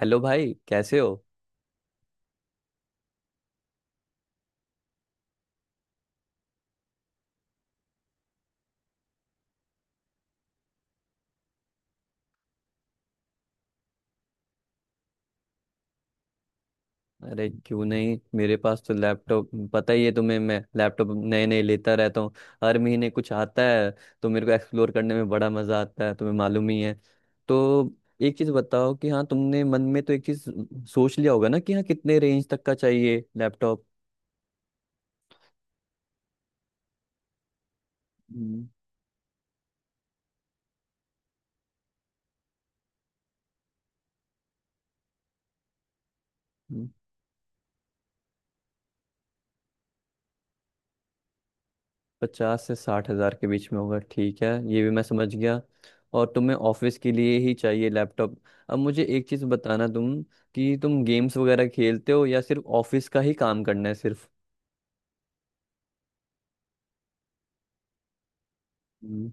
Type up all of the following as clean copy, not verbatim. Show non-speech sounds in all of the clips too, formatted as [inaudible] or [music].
Hello भाई, कैसे हो? अरे क्यों नहीं, मेरे पास तो लैपटॉप, पता ही है तुम्हें। मैं लैपटॉप नए नए लेता रहता हूँ। हर महीने कुछ आता है। तो मेरे को एक्सप्लोर करने में बड़ा मज़ा आता है, तुम्हें मालूम ही है। तो एक चीज़ बताओ कि हाँ, तुमने मन में तो एक चीज़ सोच लिया होगा ना कि हाँ, कितने रेंज तक का चाहिए लैपटॉप। हम्म। 50 से 60 हज़ार के बीच में होगा, ठीक है, ये भी मैं समझ गया। और तुम्हें ऑफिस के लिए ही चाहिए लैपटॉप। अब मुझे एक चीज बताना तुम, कि तुम गेम्स वगैरह खेलते हो या सिर्फ ऑफिस का ही काम करना है सिर्फ। हम्म,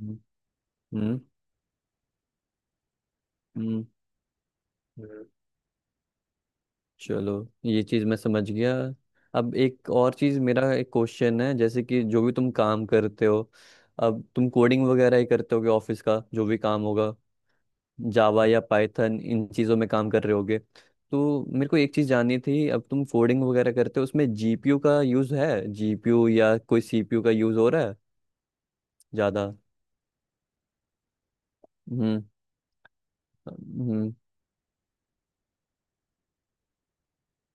हम्म, हम्म, हम्म, हम्म। चलो ये चीज मैं समझ गया। अब एक और चीज, मेरा एक क्वेश्चन है, जैसे कि जो भी तुम काम करते हो, अब तुम कोडिंग वगैरह ही करते होगे, ऑफिस का जो भी काम होगा, जावा या पाइथन इन चीज़ों में काम कर रहे होगे। तो मेरे को एक चीज़ जाननी थी, अब तुम कोडिंग वगैरह करते हो उसमें जीपीयू का यूज़ है जीपीयू या कोई सीपीयू का यूज़ हो रहा है ज़्यादा? हम्म, हम्म।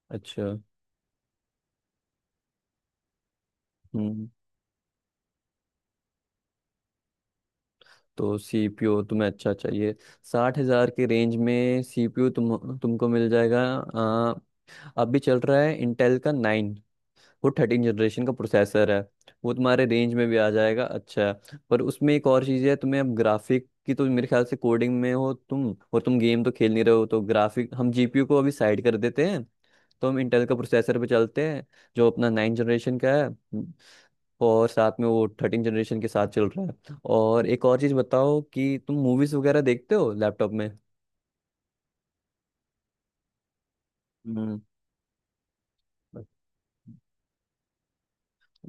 अच्छा। हम्म। तो सीपीयू तुम्हें अच्छा चाहिए। 60 हज़ार के रेंज में सीपीयू तुमको मिल जाएगा। आ, अभी चल रहा है इंटेल का नाइन, वो थर्टीन जनरेशन का प्रोसेसर है। वो तुम्हारे रेंज में भी आ जाएगा। अच्छा है पर, उसमें एक और चीज़ है, तुम्हें अब ग्राफिक की, तो मेरे ख्याल से कोडिंग में हो तुम और तुम गेम तो खेल नहीं रहे हो, तो ग्राफिक, हम जीपीयू को अभी साइड कर देते हैं। तो हम इंटेल का प्रोसेसर पे चलते हैं, जो अपना नाइन जनरेशन का है, और साथ में वो थर्टीन जनरेशन के साथ चल रहा है। और एक और चीज़ बताओ, कि तुम मूवीज़ वगैरह देखते हो लैपटॉप में? हम्म।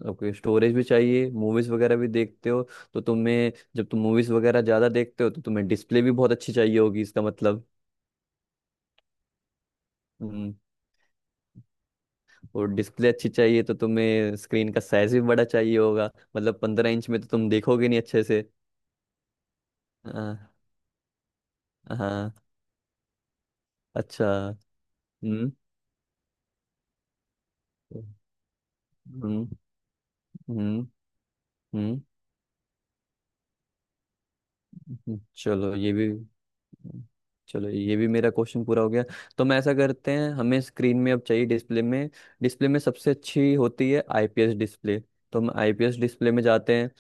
ओके, स्टोरेज भी चाहिए, मूवीज वगैरह भी देखते हो। तो तुम्हें, जब तुम मूवीज वगैरह ज्यादा देखते हो, तो तुम्हें डिस्प्ले भी बहुत अच्छी चाहिए होगी इसका मतलब। हम्म। और डिस्प्ले अच्छी चाहिए तो तुम्हें स्क्रीन का साइज भी बड़ा चाहिए होगा। मतलब 15 इंच में तो तुम देखोगे नहीं अच्छे से। हाँ, हाँ। अच्छा। हम्म, हम्म, हम्म, हम्म, हम्म, चलो ये भी चलो ये भी मेरा क्वेश्चन पूरा हो गया। तो हम ऐसा करते हैं, हमें स्क्रीन में अब चाहिए डिस्प्ले में सबसे अच्छी होती है आईपीएस डिस्प्ले। तो हम आईपीएस डिस्प्ले में जाते हैं।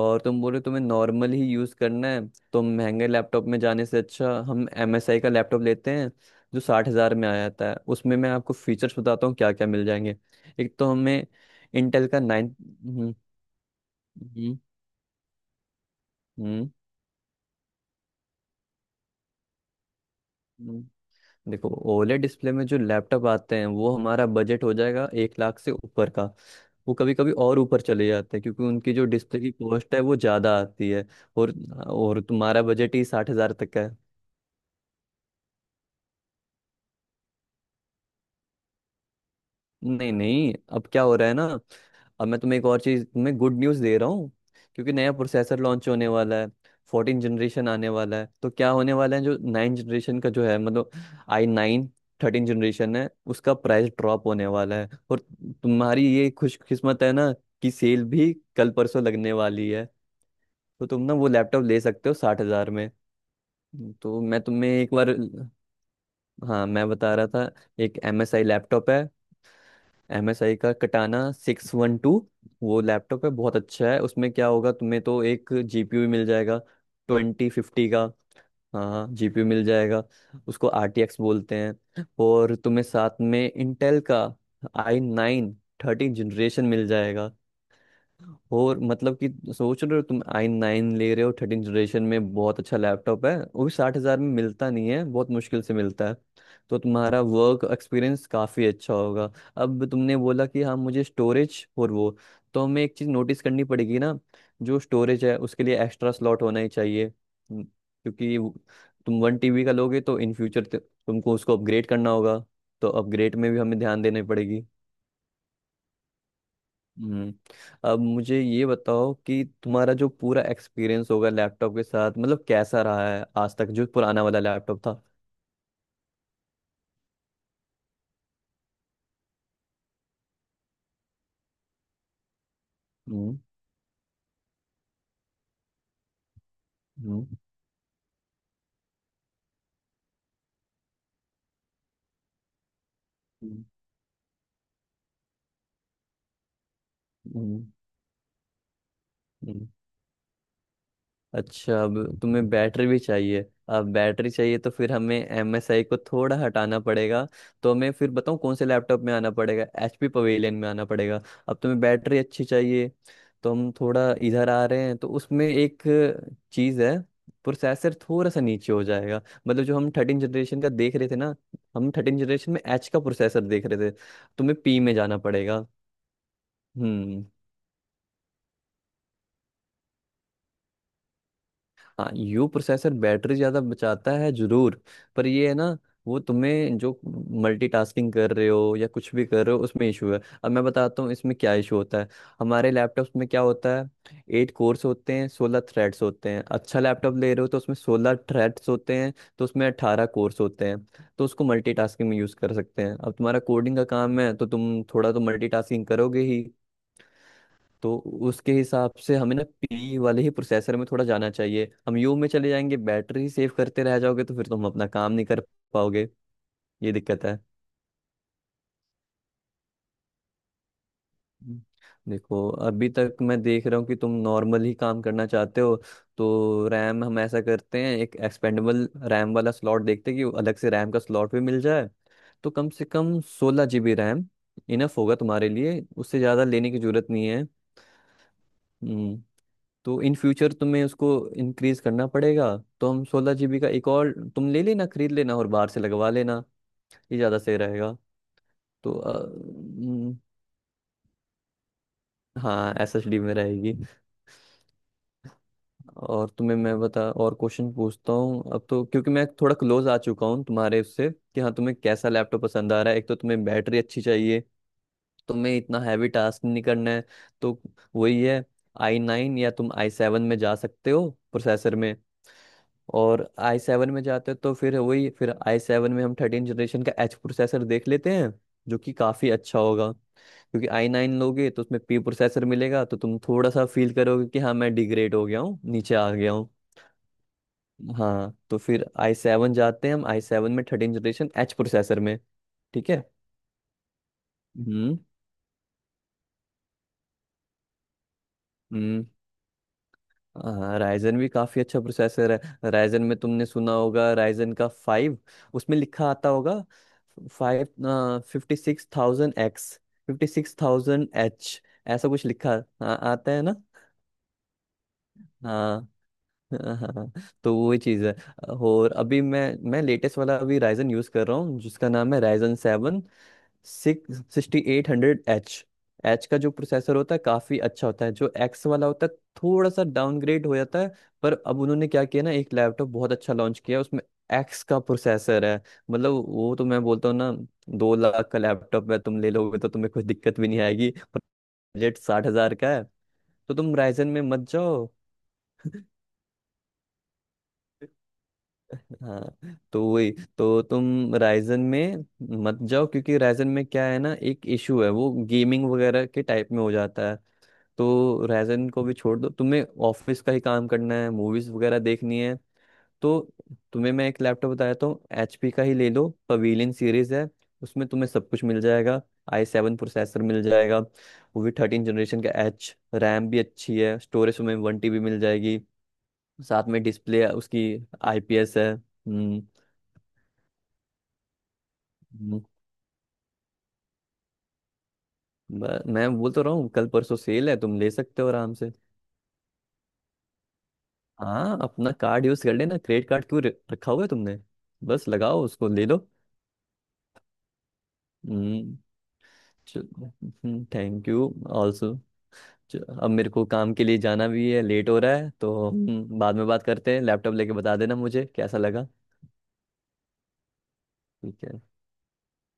और तुम बोल रहे हो तुम्हें नॉर्मल ही यूज़ करना है, तो महंगे लैपटॉप में जाने से अच्छा हम एमएसआई का लैपटॉप लेते हैं, जो साठ हज़ार में आ जाता है। उसमें मैं आपको फीचर्स बताता हूँ क्या क्या मिल जाएंगे। एक तो हमें इंटेल का नाइन। हम्म, हम्म, हम्म, हम्म। देखो, ओलेड डिस्प्ले में जो लैपटॉप आते हैं, वो हमारा बजट हो जाएगा 1 लाख से ऊपर का। वो कभी कभी और ऊपर चले जाते हैं, क्योंकि उनकी जो डिस्प्ले की कॉस्ट है वो ज़्यादा आती है। और और तुम्हारा बजट ही 60 हज़ार तक का है। नहीं नहीं, अब क्या हो रहा है ना, अब मैं तुम्हें एक और चीज, तुम्हें गुड न्यूज दे रहा हूँ। क्योंकि नया प्रोसेसर लॉन्च होने वाला है। फोर्टीन जनरेशन आने वाला है, तो क्या होने वाला है, जो नाइन जनरेशन का जो है, मतलब आई नाइन थर्टीन जनरेशन है, उसका प्राइस ड्रॉप होने वाला है। और तुम्हारी ये खुशकिस्मत है ना, कि सेल भी कल परसों लगने वाली है, तो तुम ना वो लैपटॉप ले सकते हो 60 हज़ार में। तो मैं तुम्हें एक बार, हाँ मैं बता रहा था, एक एम एस आई लैपटॉप है। MSI का कटाना सिक्स वन टू, वो लैपटॉप है, बहुत अच्छा है, उसमें क्या होगा तुम्हें, तो एक जीपीयू मिल जाएगा ट्वेंटी फिफ्टी का। हाँ, जीपीयू मिल जाएगा, उसको RTX बोलते हैं, और तुम्हें साथ में इंटेल का आई नाइन थर्टीन जनरेशन मिल जाएगा। और मतलब कि, सोच रहे हो तुम आई नाइन ले रहे हो थर्टीन जनरेशन में, बहुत अच्छा लैपटॉप है, वो भी 60 हज़ार में मिलता नहीं है, बहुत मुश्किल से मिलता है। तो तुम्हारा वर्क एक्सपीरियंस काफ़ी अच्छा होगा। अब तुमने बोला कि हाँ मुझे स्टोरेज और वो, तो हमें एक चीज़ नोटिस करनी पड़ेगी ना, जो स्टोरेज है उसके लिए एक्स्ट्रा स्लॉट होना ही चाहिए, क्योंकि तुम 1 टीबी का लोगे तो इन फ्यूचर तुमको उसको अपग्रेड करना होगा। तो अपग्रेड में भी हमें ध्यान देनी पड़ेगी। हम्म। अब मुझे ये बताओ कि तुम्हारा जो पूरा एक्सपीरियंस होगा लैपटॉप के साथ, मतलब कैसा रहा है आज तक जो पुराना वाला लैपटॉप था। हम्म, हम्म, हम्म, हम्म, हम्म। अच्छा, अब तुम्हें बैटरी भी चाहिए। अब बैटरी चाहिए तो फिर हमें एम एस आई को थोड़ा हटाना पड़ेगा। तो हमें फिर बताऊँ कौन से लैपटॉप में आना पड़ेगा, एच पी पवेलियन में आना पड़ेगा। अब तुम्हें बैटरी अच्छी चाहिए, तो हम थोड़ा इधर आ रहे हैं, तो उसमें एक चीज़ है, प्रोसेसर थोड़ा सा नीचे हो जाएगा। मतलब जो हम थर्टीन जनरेशन का देख रहे थे ना, हम थर्टीन जनरेशन में एच का प्रोसेसर देख रहे थे, तुम्हें पी में जाना पड़ेगा। हम्म। हाँ, यू प्रोसेसर बैटरी ज़्यादा बचाता है जरूर, पर ये है ना, वो तुम्हें जो मल्टीटास्किंग कर रहे हो या कुछ भी कर रहे हो, उसमें इशू है। अब मैं बताता हूँ इसमें क्या इशू होता है। हमारे लैपटॉप्स में क्या होता है, 8 कोर्स होते हैं, 16 थ्रेड्स होते हैं, अच्छा लैपटॉप ले रहे हो तो उसमें 16 थ्रेड्स होते हैं, तो उसमें 18 कोर्स होते हैं। तो उसको मल्टीटास्किंग में यूज़ कर सकते हैं। अब तुम्हारा कोडिंग का काम है, तो तुम थोड़ा तो मल्टीटास्किंग करोगे ही। तो उसके हिसाब से हमें ना पी वाले ही प्रोसेसर में थोड़ा जाना चाहिए। हम यू में चले जाएंगे बैटरी सेव करते रह जाओगे, तो फिर तो हम अपना काम नहीं कर पाओगे। ये दिक्कत है। हम्म। देखो, अभी तक मैं देख रहा हूँ कि तुम नॉर्मल ही काम करना चाहते हो। तो रैम, हम ऐसा करते हैं, एक एक्सपेंडेबल रैम वाला स्लॉट देखते हैं कि अलग से रैम का स्लॉट भी मिल जाए। तो कम से कम 16 जीबी रैम इनफ होगा तुम्हारे लिए, उससे ज़्यादा लेने की जरूरत नहीं है। हम्म। तो इन फ्यूचर तुम्हें उसको इंक्रीज करना पड़ेगा, तो हम 16 जीबी का एक और तुम ले लेना, खरीद लेना और बाहर से लगवा लेना। ये ज़्यादा सही रहेगा। तो हाँ एसएसडी में रहेगी। और तुम्हें मैं बता, और क्वेश्चन पूछता हूँ अब तो, क्योंकि मैं थोड़ा क्लोज आ चुका हूँ तुम्हारे उससे कि हाँ तुम्हें कैसा लैपटॉप पसंद आ रहा है। एक तो तुम्हें बैटरी अच्छी चाहिए, तुम्हें इतना हैवी टास्क नहीं करना है। तो वही है, आई नाइन या तुम आई सेवन में जा सकते हो प्रोसेसर में। और आई सेवन में जाते हैं तो फिर वही, फिर आई सेवन में हम थर्टीन जनरेशन का एच प्रोसेसर देख लेते हैं, जो कि काफ़ी अच्छा होगा, क्योंकि आई नाइन लोगे तो उसमें पी प्रोसेसर मिलेगा, तो तुम थोड़ा सा फील करोगे कि हाँ मैं डिग्रेड हो गया हूँ, नीचे आ गया हूँ। हाँ, तो फिर आई सेवन जाते हैं हम, आई सेवन में थर्टीन जनरेशन एच प्रोसेसर में। ठीक है। हम्म। हाँ, राइजन भी काफी अच्छा प्रोसेसर है। राइजन में तुमने सुना होगा, राइजन का फाइव, उसमें लिखा आता होगा five fifty six thousand X, fifty six thousand H, ऐसा कुछ लिखा। हाँ, आता है ना। हाँ। [laughs] हाँ, हाँ, तो वही चीज़ है। और अभी मैं लेटेस्ट वाला अभी राइजन यूज़ कर रहा हूँ, जिसका नाम है Ryzen seven six sixty eight hundred H. H का जो प्रोसेसर होता है काफ़ी अच्छा होता है, जो एक्स वाला होता है थोड़ा सा डाउनग्रेड हो जाता है। पर अब उन्होंने क्या किया ना, एक लैपटॉप बहुत अच्छा लॉन्च किया, उसमें एक्स का प्रोसेसर है। मतलब वो तो मैं बोलता हूँ ना, 2 लाख का लैपटॉप है, तुम ले लोगे तो तुम्हें कोई दिक्कत भी नहीं आएगी। बजट 60 हज़ार का है, तो तुम राइजन में मत जाओ। हाँ तो वही, तो तुम राइजन में मत जाओ, क्योंकि राइजन में क्या है ना, एक इशू है, वो गेमिंग वगैरह के टाइप में हो जाता है। तो रैजन को भी छोड़ दो, तुम्हें ऑफिस का ही काम करना है, मूवीज वगैरह देखनी है। तो तुम्हें मैं एक लैपटॉप बताया तो, एचपी का ही ले लो, पवेलियन सीरीज है, उसमें तुम्हें सब कुछ मिल जाएगा। आई सेवन प्रोसेसर मिल जाएगा वो भी थर्टीन जनरेशन का एच, रैम भी अच्छी है, स्टोरेज तुम्हें 1 टीबी मिल जाएगी, साथ में डिस्प्ले उसकी आईपीएस है। हम्म, हम्म, मैं बोल तो रहा हूँ, कल परसों सेल है, तुम ले सकते हो आराम से। हाँ, अपना कार्ड यूज कर लेना, क्रेडिट कार्ड क्यों रखा हुआ है तुमने, बस लगाओ उसको, ले लो। हम्म। चलो, थैंक यू ऑल्सो, अब मेरे को काम के लिए जाना भी है, लेट हो रहा है, तो हम बाद में बात करते हैं, लैपटॉप लेके बता देना मुझे कैसा लगा। ठीक है।